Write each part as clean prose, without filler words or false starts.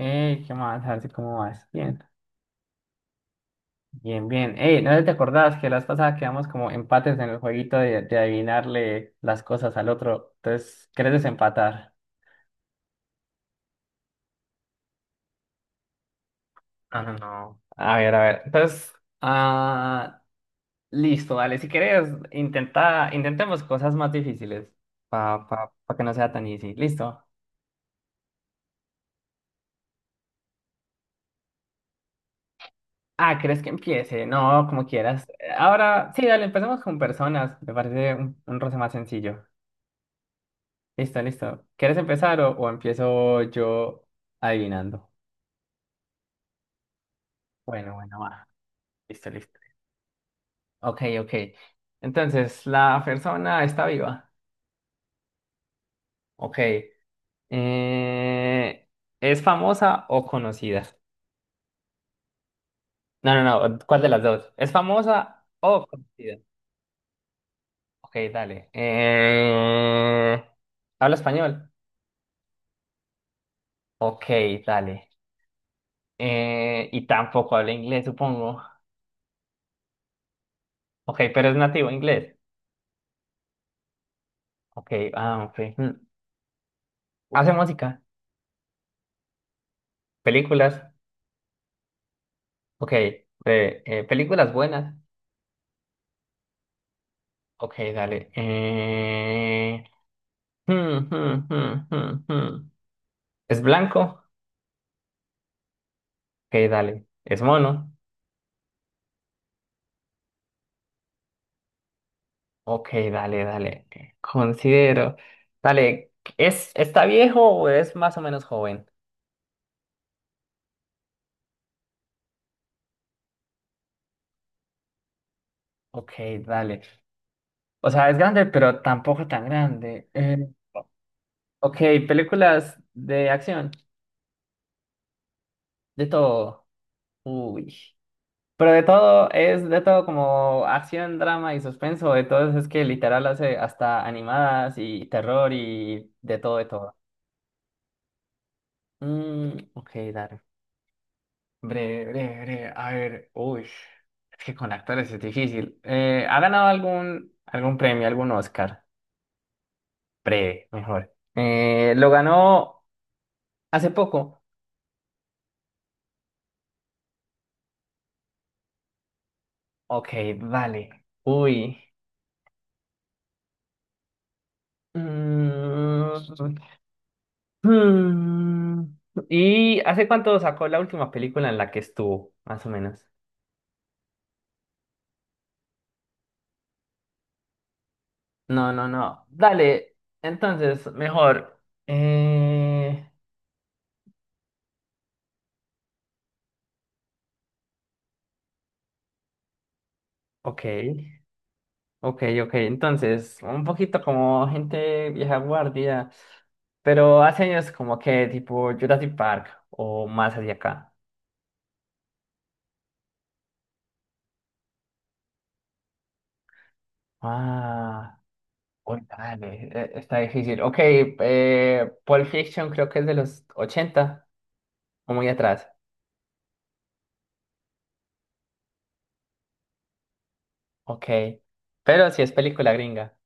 Ey, ¿qué más? Así como vas. Bien. Ey, ¿no te acordabas que las pasadas quedamos como empates en el jueguito de adivinarle las cosas al otro? Entonces, ¿querés desempatar? Ah, no. A ver, a ver. Entonces, ah, listo, dale. Si querés, intentemos cosas más difíciles para pa que no sea tan easy. Listo. Ah, ¿crees que empiece? No, como quieras. Ahora, sí, dale, empecemos con personas. Me parece un roce más sencillo. Listo. ¿Quieres empezar o empiezo yo adivinando? Bueno, bueno, va. Listo, listo. Ok, ok. Entonces, ¿la persona está viva? Ok. Eh, ¿Es famosa o conocida? No, no, no. ¿Cuál de las dos? ¿Es famosa o conocida? Ok, dale. ¿Habla español? Ok, dale. Y tampoco habla inglés, supongo. Ok, pero es nativo inglés. Ok, ah, ok. Mm. ¿Hace música? Películas, ok. Películas buenas, ok, dale. Hmm, hmm, hmm, hmm, hmm. ¿Es blanco? Ok, dale. ¿Es mono? Ok, dale, dale. Considero. Dale, ¿es, está viejo o es más o menos joven? Ok, dale. O sea, es grande, pero tampoco tan grande. Ok, películas de acción, de todo. Uy. Pero de todo, es de todo como acción, drama y suspenso, de todo es que literal hace hasta animadas y terror y de todo, de todo. Mm, ok, dale. Breve, breve, breve. A ver, uy, es que con actores es difícil. ¿Ha ganado algún premio, algún Oscar? Breve, mejor. ¿Lo ganó hace poco? Ok, vale. Uy. Mm, Hmm, ¿Y hace cuánto sacó la última película en la que estuvo, más o menos? No, no, no. Dale, entonces, mejor. Eh... Ok, ok, ok. Entonces, un poquito como gente vieja guardia, pero hace años como que tipo Jurassic Park o más hacia acá. Ah, uy, dale, está difícil. Ok, Pulp Fiction creo que es de los 80 o muy atrás. Ok. Pero si es película gringa.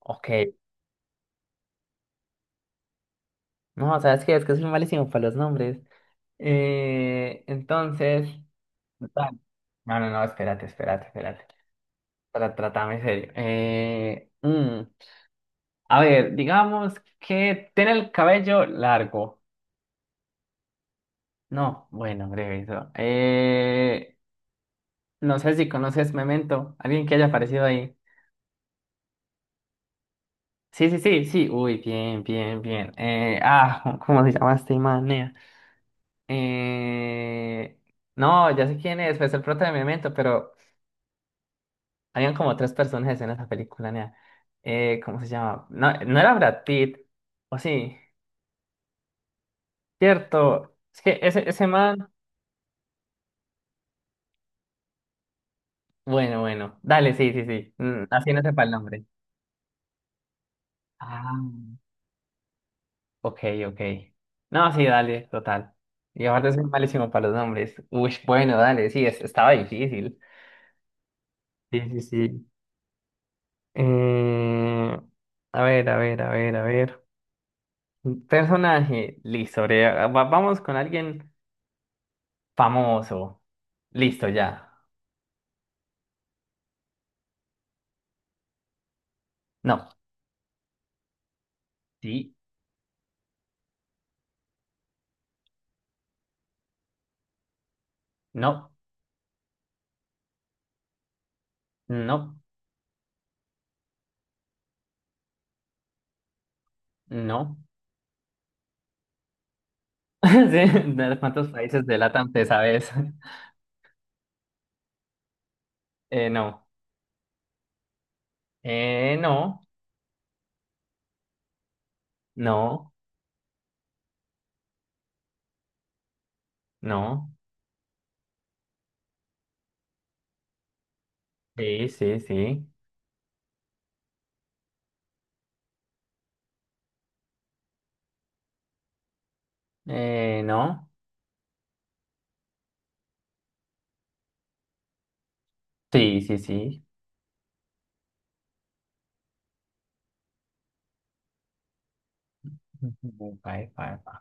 Ok. No, ¿sabes qué? Es que soy malísimo para los nombres. Entonces. Total. No, no, no, espérate. Para tratarme en serio. A ver, digamos que tiene el cabello largo. No, bueno, breve eso. No sé si conoces Memento. Alguien que haya aparecido ahí. Sí, sí, sí, sí. Uy, bien, bien, bien. ¿Cómo se llama este man? Eh, no, ya sé quién es, pues el prota de Memento, pero habían como tres personajes en esa película, nea. ¿Cómo se llama? No, no era Brad Pitt, o sí, cierto. Es que ese man, bueno, bueno, dale, sí, sí, sí, mm, así no sepa el nombre. Ah, ok, ok. No, sí, dale, total. Y aparte soy malísimo para los nombres. Uy, bueno, dale, sí, estaba difícil. Sí, sí, sí. Eh, a ver, a ver, a ver, a ver. Personaje, listo, vamos con alguien famoso. Listo, ya. No, sí, no, no, no. Sí, ¿de ¿cuántos países de LATAM te sabes? No, no, no, no. Sí, sí, sí. No, sí, sí, sí. Ujú, pa, pa, pa.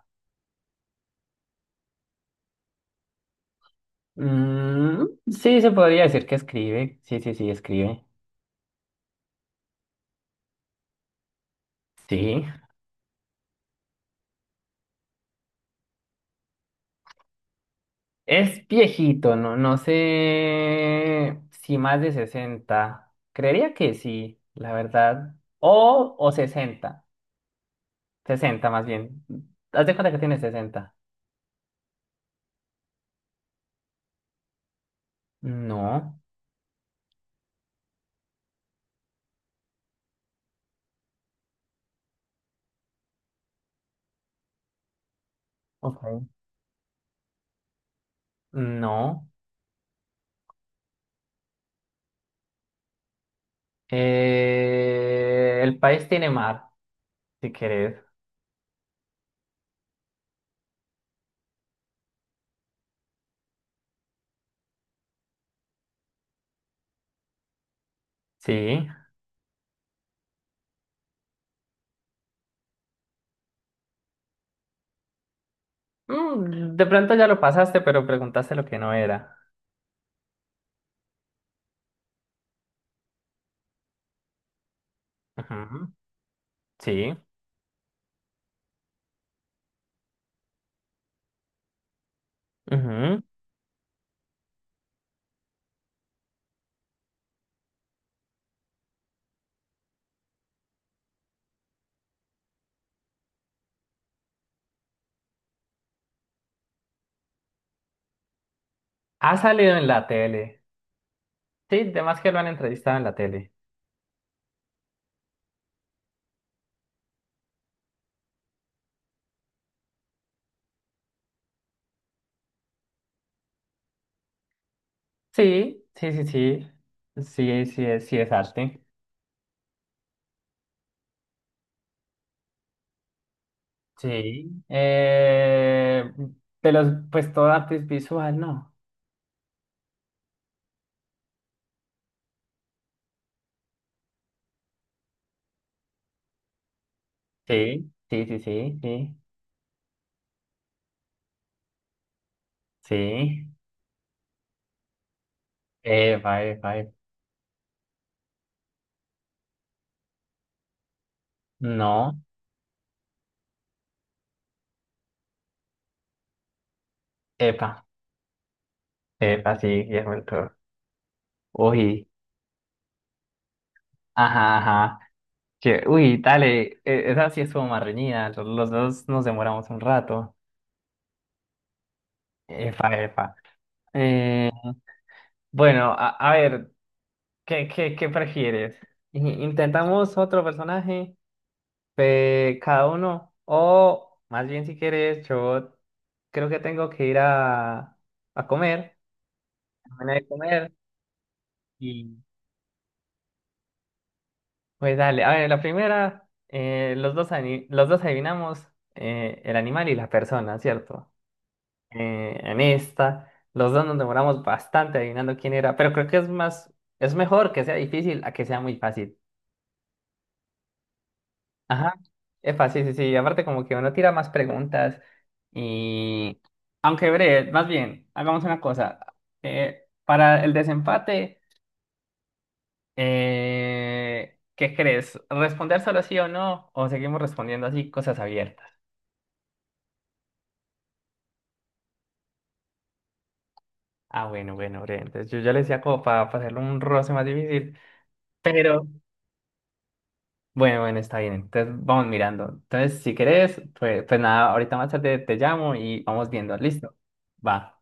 Mm, sí, se podría decir que escribe. Sí, sí, sí, escribe. Sí. Es viejito, no, no sé si más de 60. Creería que sí, la verdad. O 60, 60 más bien. Haz de cuenta que tiene 60. No, ok. no. El país tiene mar, si querés. Sí. Mm, de pronto ya lo pasaste, pero preguntaste lo que no era. Ujú, sí. ujú. Ha salido en la tele. Sí, de que lo han entrevistado en la tele. Sí, sí, sí, sí. Sí, sí es arte. Sí. De los, pues todo arte es visual, ¿no? Sí, sí, sí, sí, sí. Sí. Epa, epa, epa. No. Epa. Epa, sí, Guillermo del Toro. Uy, ajá, ajá. que, uy, dale, esa sí estuvo más reñida. Los dos nos demoramos un rato. Epa, epa. Eh, bueno, a ver. ¿Qué, qué, qué prefieres? ¿Intentamos otro personaje? Cada uno. O más bien si quieres, yo creo que tengo que ir a comer. A de comer. Y pues dale, a ver, la primera, los dos, los dos adivinamos el animal y la persona, ¿cierto? En esta, los dos nos demoramos bastante adivinando quién era, pero creo que es más, es mejor que sea difícil a que sea muy fácil. Ajá, es fácil, sí, sí. Aparte, como que uno tira más preguntas. Y. Aunque breve, más bien, hagamos una cosa. Para el desempate, ¿qué crees? ¿Responder solo sí o no? ¿O seguimos respondiendo así cosas abiertas? Ah, bueno, bueno, breve. Entonces, yo ya le decía como para hacerlo un roce más difícil. Pero, bueno, bueno, está bien. Entonces, vamos mirando. Entonces, si querés, pues, pues nada, ahorita más tarde te llamo y vamos viendo. ¿Listo? Va.